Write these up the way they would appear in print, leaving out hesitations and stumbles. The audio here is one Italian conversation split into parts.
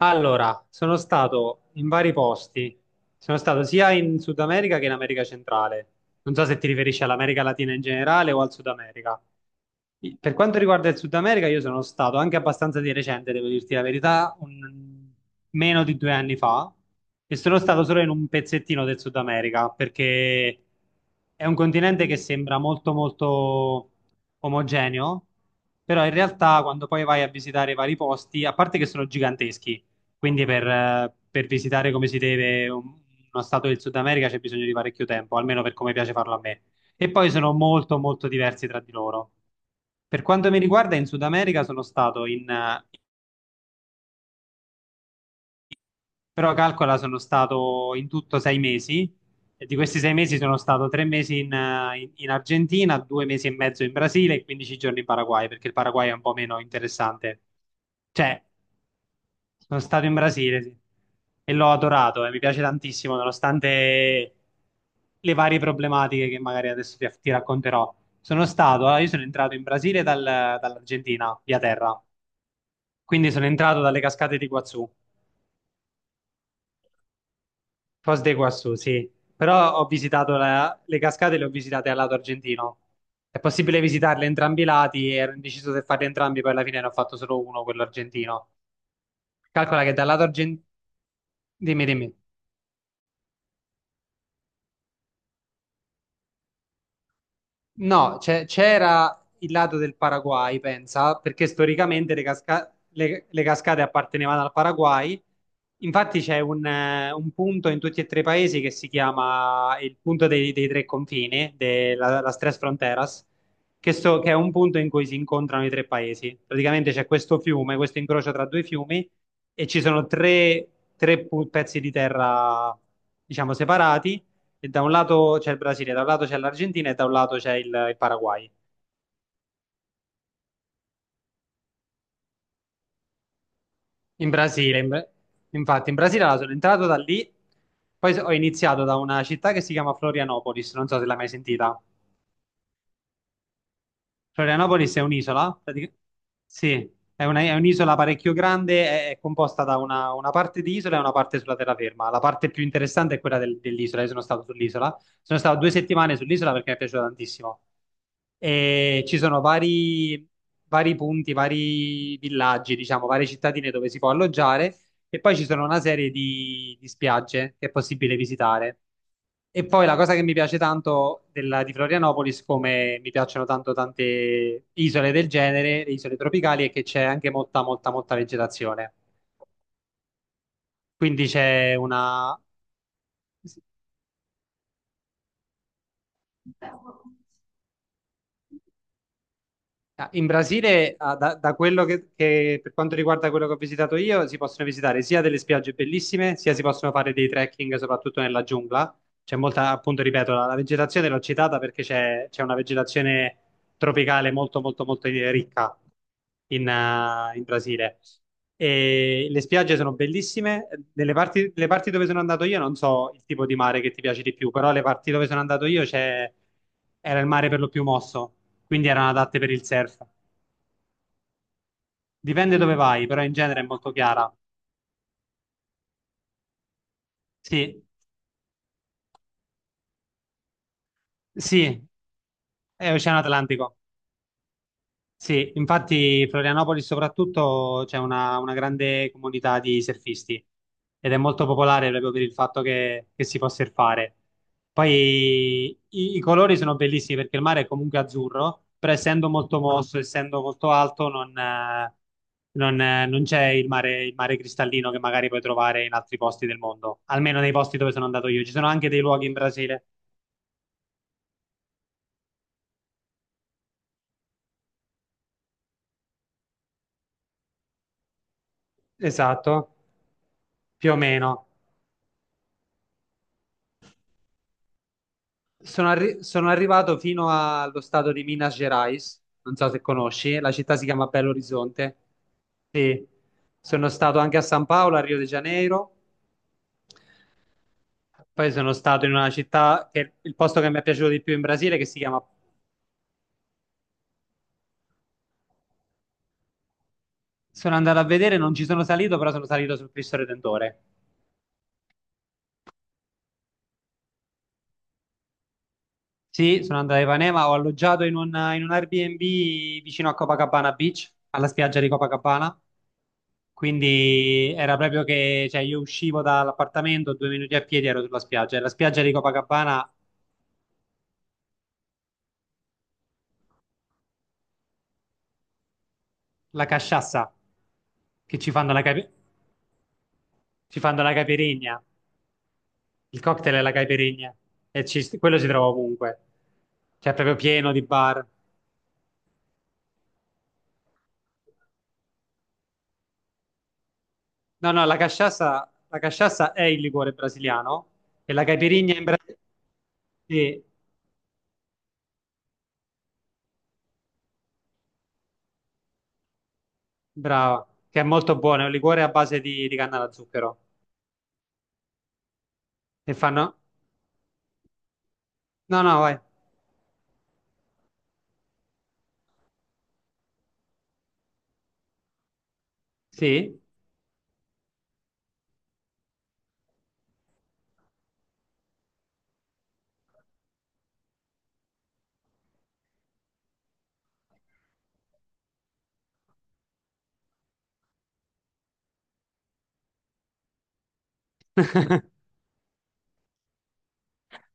Allora, sono stato in vari posti. Sono stato sia in Sud America che in America Centrale. Non so se ti riferisci all'America Latina in generale o al Sud America. Per quanto riguarda il Sud America, io sono stato anche abbastanza di recente, devo dirti la verità, meno di due anni fa, e sono stato solo in un pezzettino del Sud America, perché è un continente che sembra molto molto omogeneo, però in realtà quando poi vai a visitare i vari posti, a parte che sono giganteschi, quindi per visitare come si deve uno stato del Sud America c'è bisogno di parecchio tempo, almeno per come piace farlo a me. E poi sono molto molto diversi tra di loro. Per quanto mi riguarda, in Sud America però calcola, sono stato in tutto sei mesi, e di questi sei mesi sono stato tre mesi in Argentina, due mesi e mezzo in Brasile e 15 giorni in Paraguay, perché il Paraguay è un po' meno interessante. Cioè, sono stato in Brasile, sì. E l'ho adorato e mi piace tantissimo, nonostante le varie problematiche che magari adesso ti racconterò. Sono stato, allora, io sono entrato in Brasile dall'Argentina, via terra. Quindi sono entrato dalle cascate di Iguazú, Foz de Iguazú, sì. Però ho visitato le cascate, le ho visitate al lato argentino. È possibile visitarle entrambi i lati, ero indeciso se farli entrambi, poi alla fine ne ho fatto solo uno, quello argentino. Calcola che dal lato argentino... Dimmi, dimmi. No, c'era il lato del Paraguay, pensa, perché storicamente le cascate appartenevano al Paraguay. Infatti c'è un punto in tutti e tre i paesi che si chiama il punto dei tre confini, della, las Tres Fronteras, che, che è un punto in cui si incontrano i tre paesi. Praticamente c'è questo fiume, questo incrocio tra due fiumi, e ci sono tre, pezzi di terra, diciamo, separati e da un lato c'è il Brasile, da un lato c'è l'Argentina e da un lato c'è il Paraguay. In Brasile, in- In Brasile allora, sono entrato da lì, ho iniziato da una città che si chiama Florianopolis, non so se l'hai mai sentita. Florianopoli è un'isola? Sì, è è un'isola parecchio grande, è composta da una parte di isola e una parte sulla terraferma. La parte più interessante è quella dell'isola, io sono stato sull'isola, sono stato due settimane sull'isola perché mi è piaciuto tantissimo. E ci sono vari, vari punti, vari villaggi, diciamo, varie cittadine dove si può alloggiare e poi ci sono una serie di spiagge che è possibile visitare. E poi la cosa che mi piace tanto di Florianopolis, come mi piacciono tanto tante isole del genere, le isole tropicali, è che c'è anche molta, molta, molta vegetazione. Quindi c'è una... Ah, in Brasile, ah, da, da quello che- per quanto riguarda quello che ho visitato io, si possono visitare sia delle spiagge bellissime, sia si possono fare dei trekking, soprattutto nella giungla. C'è molta, appunto, ripeto, la vegetazione l'ho citata perché c'è una vegetazione tropicale molto, molto, molto ricca in Brasile. E le spiagge sono bellissime. Nelle parti, le parti dove sono andato io, non so il tipo di mare che ti piace di più, però le parti dove sono andato io c'è, era il mare per lo più mosso, quindi erano adatte per il surf. Dipende dove vai, però in genere è molto chiara. Sì, sì, è Oceano Atlantico. Sì, infatti Florianopoli soprattutto c'è una grande comunità di surfisti ed è molto popolare proprio per il fatto che si può surfare. Poi i colori sono bellissimi perché il mare è comunque azzurro, però essendo molto mosso, essendo molto alto, non c'è il mare cristallino che magari puoi trovare in altri posti del mondo, almeno nei posti dove sono andato io. Ci sono anche dei luoghi in Brasile. Esatto, più o meno. Sono arrivato fino allo stato di Minas Gerais, non so se conosci, la città si chiama Belo Horizonte. Sì, sono stato anche a San Paolo, a Rio de Janeiro, poi sono stato in una città che il posto che mi è piaciuto di più in Brasile, che si chiama... Sono andato a vedere, non ci sono salito, però sono salito sul Cristo Redentore. Sì, sono andato a Ipanema, ho alloggiato in un Airbnb vicino a Copacabana Beach, alla spiaggia di Copacabana. Quindi era proprio che, cioè, io uscivo dall'appartamento, due minuti a piedi ero sulla spiaggia. E la spiaggia di Copacabana, la casciassa, che ci fanno ci fanno la caipirinha. Il cocktail è la caipirinha. E ci- quello si trova ovunque. Cioè, è proprio pieno di bar. No, no, la casciassa è il liquore brasiliano. E la caipirinha in Brasile... Sì, brava. Che è molto buono, è un liquore a base di canna da zucchero. E fanno... No, no, vai. Sì.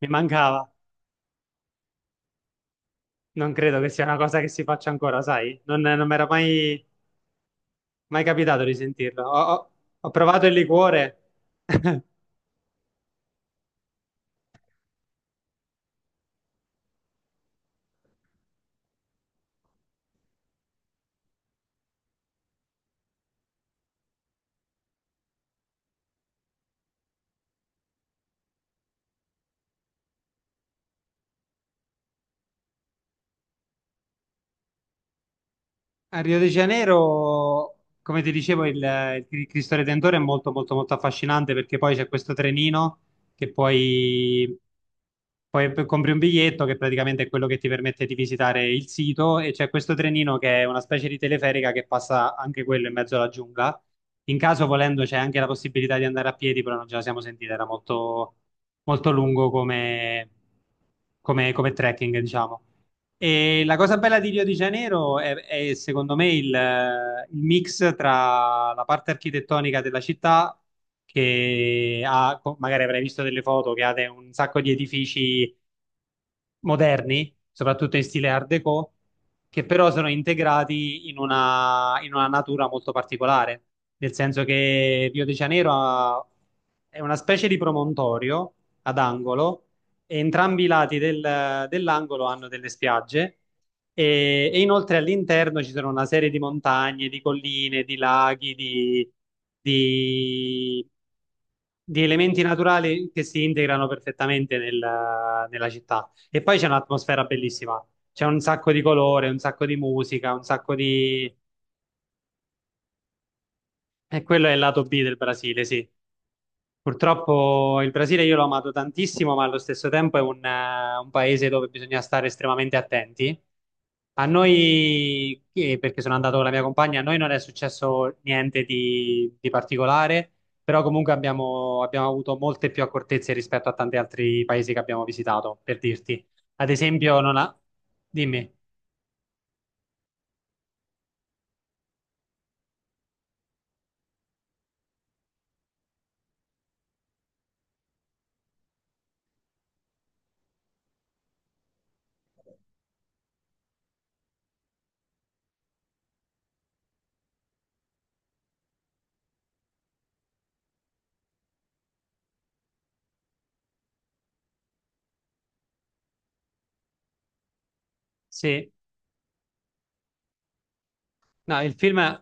Mi mancava, non credo che sia una cosa che si faccia ancora, sai? Non mi era mai, mai capitato di sentirlo. Ho provato il liquore. A Rio de Janeiro, come ti dicevo, il Cristo Redentore è molto, molto, molto affascinante perché poi c'è questo trenino che puoi. Compri un biglietto che praticamente è quello che ti permette di visitare il sito e c'è questo trenino che è una specie di teleferica che passa anche quello in mezzo alla giungla. In caso volendo c'è anche la possibilità di andare a piedi, però non ce la siamo sentita, era molto, molto lungo come, come trekking, diciamo. E la cosa bella di Rio di Janeiro è, secondo me il mix tra la parte architettonica della città, che ha, magari avrai visto delle foto, che ha un sacco di edifici moderni, soprattutto in stile Art Deco, che però sono integrati in una natura molto particolare, nel senso che Rio de Janeiro ha- è una specie di promontorio ad angolo e entrambi i lati dell'angolo hanno delle spiagge e inoltre all'interno ci sono una serie di montagne, di colline, di laghi, di di elementi naturali che si integrano perfettamente nella città. E poi c'è un'atmosfera bellissima, c'è un sacco di colore, un sacco di musica, un sacco di... E quello è il lato B del Brasile, sì. Purtroppo il Brasile io l'ho amato tantissimo, ma allo stesso tempo è un paese dove bisogna stare estremamente attenti. A noi, perché sono andato con la mia compagna, a noi non è successo niente di, di particolare, però comunque abbiamo, abbiamo avuto molte più accortezze rispetto a tanti altri paesi che abbiamo visitato, per dirti. Ad esempio, non ha... Dimmi, sì, no, il film...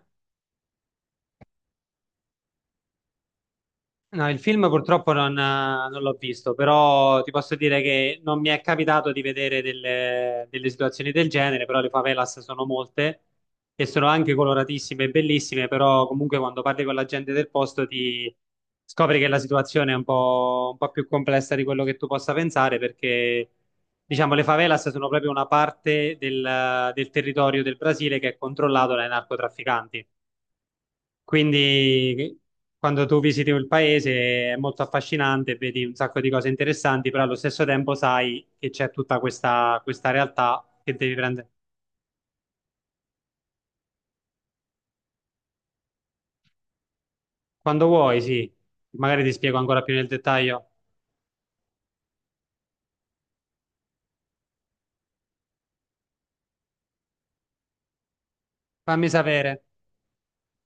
No, il film purtroppo non l'ho visto, però ti posso dire che non mi è capitato di vedere delle, delle situazioni del genere, però le favelas sono molte e sono anche coloratissime e bellissime, però comunque quando parli con la gente del posto ti scopri che la situazione è un po' più complessa di quello che tu possa pensare, perché diciamo le favelas sono proprio una parte del, del territorio del Brasile che è controllato dai narcotrafficanti. Quindi quando tu visiti il paese è molto affascinante, vedi un sacco di cose interessanti, però allo stesso tempo sai che c'è tutta questa, questa realtà che devi prendere. Quando vuoi, sì, magari ti spiego ancora più nel dettaglio. Fammi sapere.